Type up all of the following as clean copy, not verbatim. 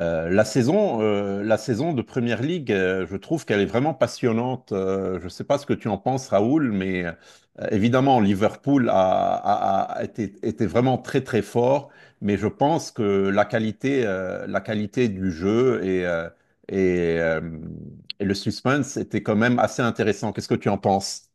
La saison de Première Ligue, je trouve qu'elle est vraiment passionnante. Je ne sais pas ce que tu en penses, Raoul, mais évidemment, Liverpool était vraiment très, très fort. Mais je pense que la qualité du jeu et, euh, et le suspense étaient quand même assez intéressants. Qu'est-ce que tu en penses?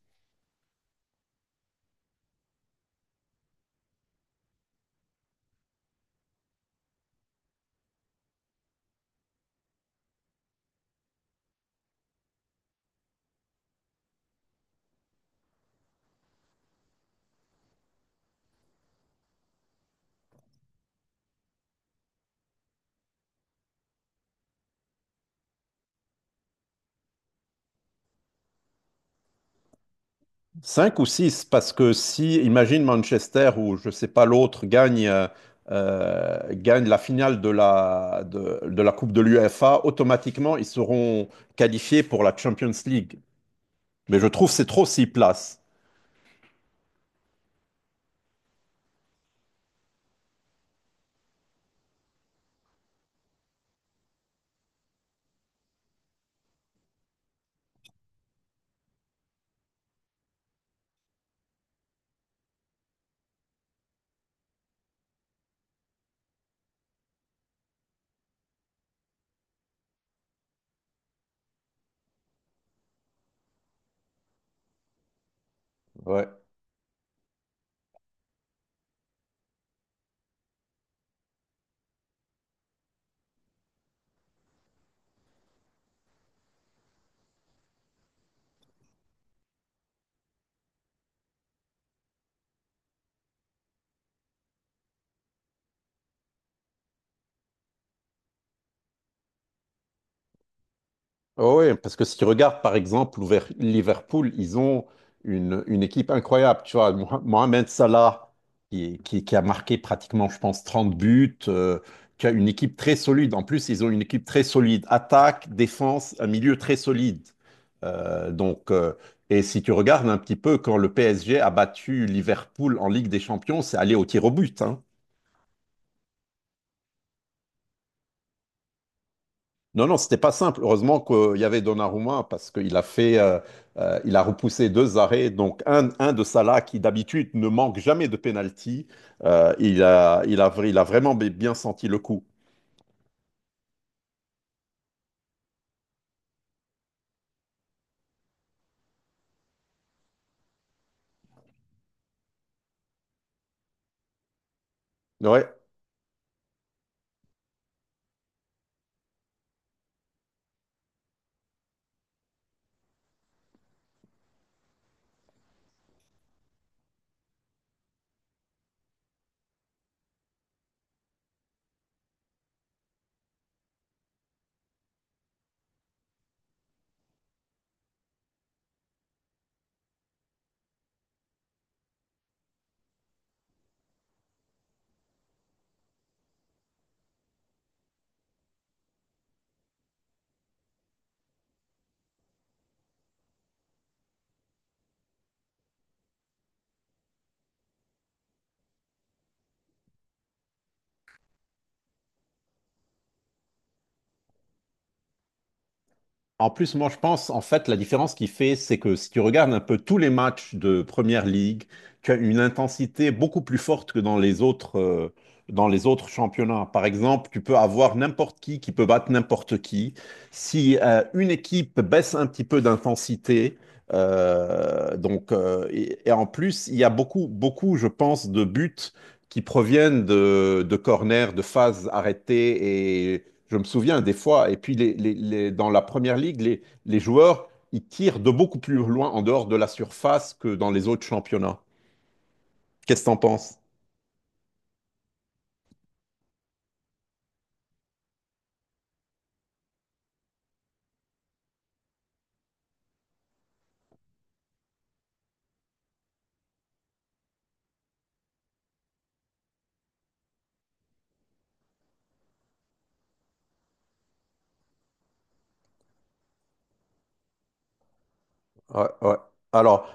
Cinq ou six, parce que si, imagine Manchester ou je sais pas l'autre gagne la finale de la Coupe de l'UEFA, automatiquement ils seront qualifiés pour la Champions League. Mais je trouve que c'est trop six places. Ouais. Oh oui, parce que si tu regardes par exemple Liverpool, ils ont une équipe incroyable. Tu vois, Mohamed Salah, qui a marqué pratiquement, je pense, 30 buts, qui a une équipe très solide. En plus, ils ont une équipe très solide. Attaque, défense, un milieu très solide. Euh, donc, euh, et si tu regardes un petit peu, quand le PSG a battu Liverpool en Ligue des Champions, c'est allé au tir au but, hein. Non, non, c'était pas simple. Heureusement qu'il y avait Donnarumma parce qu'il il a repoussé deux arrêts. Donc un de Salah qui d'habitude ne manque jamais de penalty, il a vraiment bien senti le coup. Ouais. En plus, moi, je pense, en fait, la différence qui fait, c'est que si tu regardes un peu tous les matchs de Première Ligue, tu as une intensité beaucoup plus forte que dans les autres championnats. Par exemple, tu peux avoir n'importe qui peut battre n'importe qui. Si une équipe baisse un petit peu d'intensité, et en plus, il y a beaucoup, beaucoup, je pense, de buts qui proviennent de corners, de phases arrêtées. Et je me souviens des fois, et puis dans la première ligue, les joueurs, ils tirent de beaucoup plus loin en dehors de la surface que dans les autres championnats. Qu'est-ce que t'en penses? Ouais, ouais. Alors,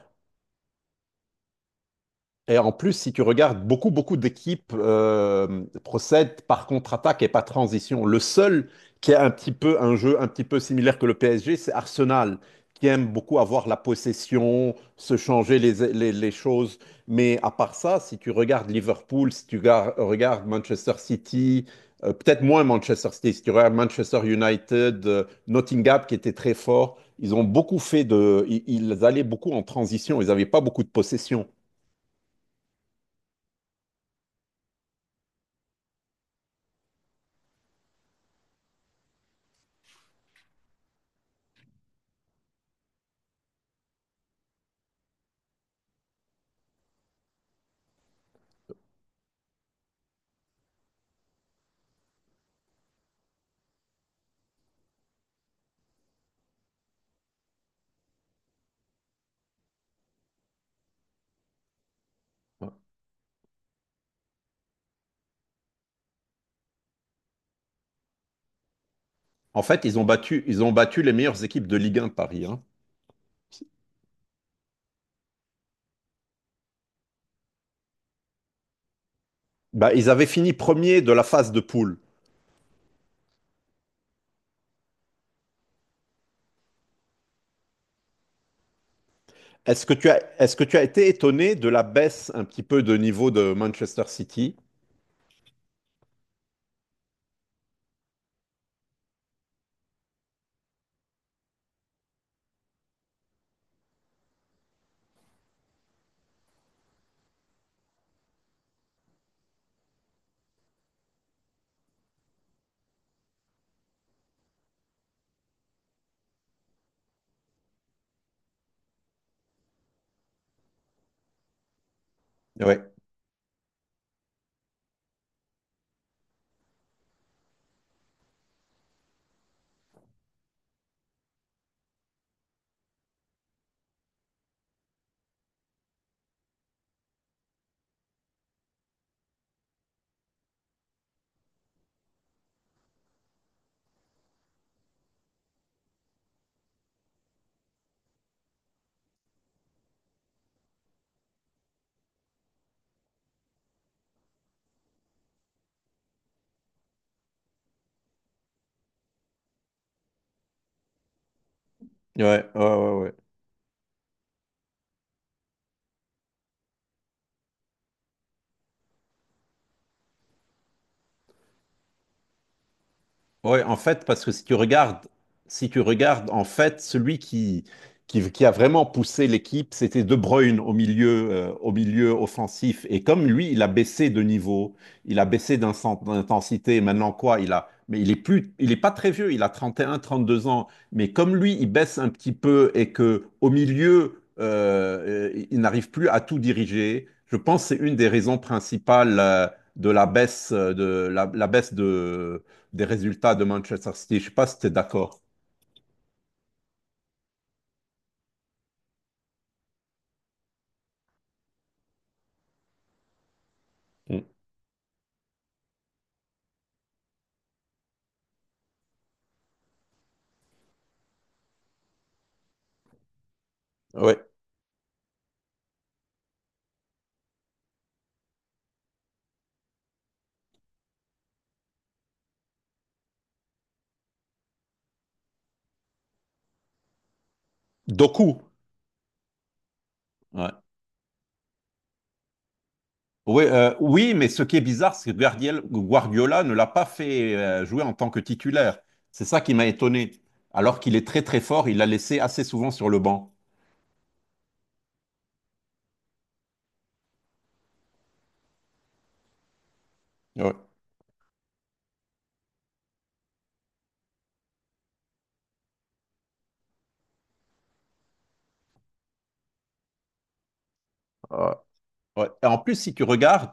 et en plus, si tu regardes, beaucoup, beaucoup d'équipes procèdent par contre-attaque et par transition. Le seul qui a un petit peu un jeu un petit peu similaire que le PSG, c'est Arsenal, qui aime beaucoup avoir la possession, se changer les choses. Mais à part ça, si tu regardes Liverpool, si tu regardes Manchester City, peut-être moins Manchester City, si tu regardes Manchester United, Nottingham qui était très fort, ils ont beaucoup fait de... Ils allaient beaucoup en transition, ils n'avaient pas beaucoup de possession. En fait, ils ont battu les meilleures équipes de Ligue 1, Paris, hein. Bah, ils avaient fini premier de la phase de poule. Est-ce que tu as été étonné de la baisse un petit peu de niveau de Manchester City? Ouais, ouais, ouais, ouais, ouais. Ouais, en fait, parce que si tu regardes, en fait, celui qui a vraiment poussé l'équipe, c'était De Bruyne au milieu offensif. Et comme lui, il a baissé de niveau, il a baissé d'intensité. Maintenant, quoi, mais il est plus, il est pas très vieux, il a 31, 32 ans. Mais comme lui, il baisse un petit peu et que au milieu, il n'arrive plus à tout diriger. Je pense que c'est une des raisons principales, de la baisse, de la la baisse de des résultats de Manchester City. Je ne sais pas si tu es d'accord. Mm. Ouais. Doku. Ouais. Oui, mais ce qui est bizarre, c'est que Guardiola ne l'a pas fait jouer en tant que titulaire. C'est ça qui m'a étonné. Alors qu'il est très très fort, il l'a laissé assez souvent sur le banc. Ouais. Ouais. Ouais. Et en plus, si tu regardes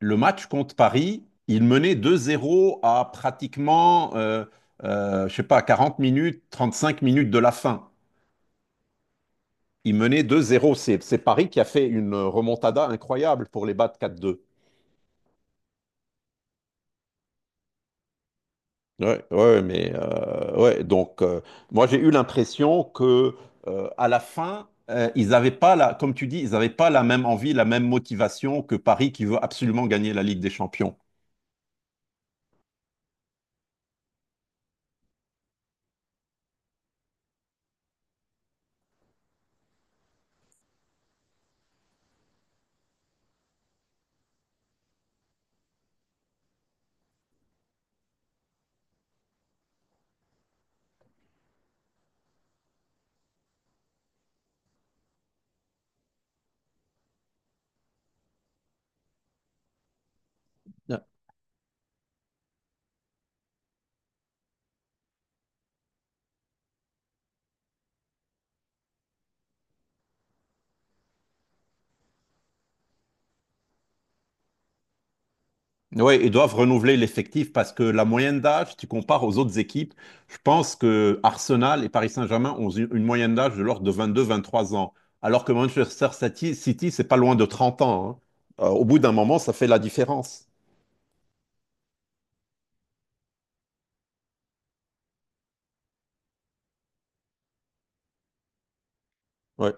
le match contre Paris, il menait 2-0 à pratiquement, je sais pas, 40 minutes, 35 minutes de la fin. Ils menaient 2-0. C'est Paris qui a fait une remontada incroyable pour les battre 4-2. Ouais, ouais, moi j'ai eu l'impression que à la fin, ils n'avaient pas la, comme tu dis, ils n'avaient pas la même envie, la même motivation que Paris qui veut absolument gagner la Ligue des Champions. Oui, ils doivent renouveler l'effectif parce que la moyenne d'âge, tu compares aux autres équipes, je pense que Arsenal et Paris Saint-Germain ont une moyenne d'âge de l'ordre de 22, 23 ans, alors que Manchester City, c'est pas loin de 30 ans, hein. Au bout d'un moment, ça fait la différence. Ouais.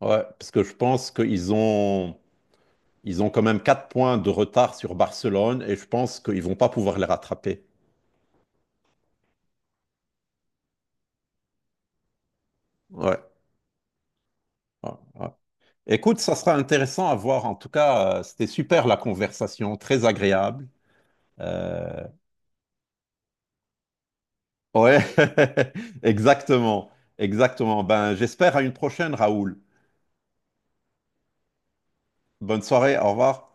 Ouais, parce que je pense qu'ils ont, ils ont quand même 4 points de retard sur Barcelone et je pense qu'ils vont pas pouvoir les rattraper. Ouais. Ouais, ouais. Écoute, ça sera intéressant à voir. En tout cas, c'était super la conversation, très agréable. Euh, Ouais, exactement, exactement. Ben, j'espère à une prochaine, Raoul. Bonne soirée, au revoir.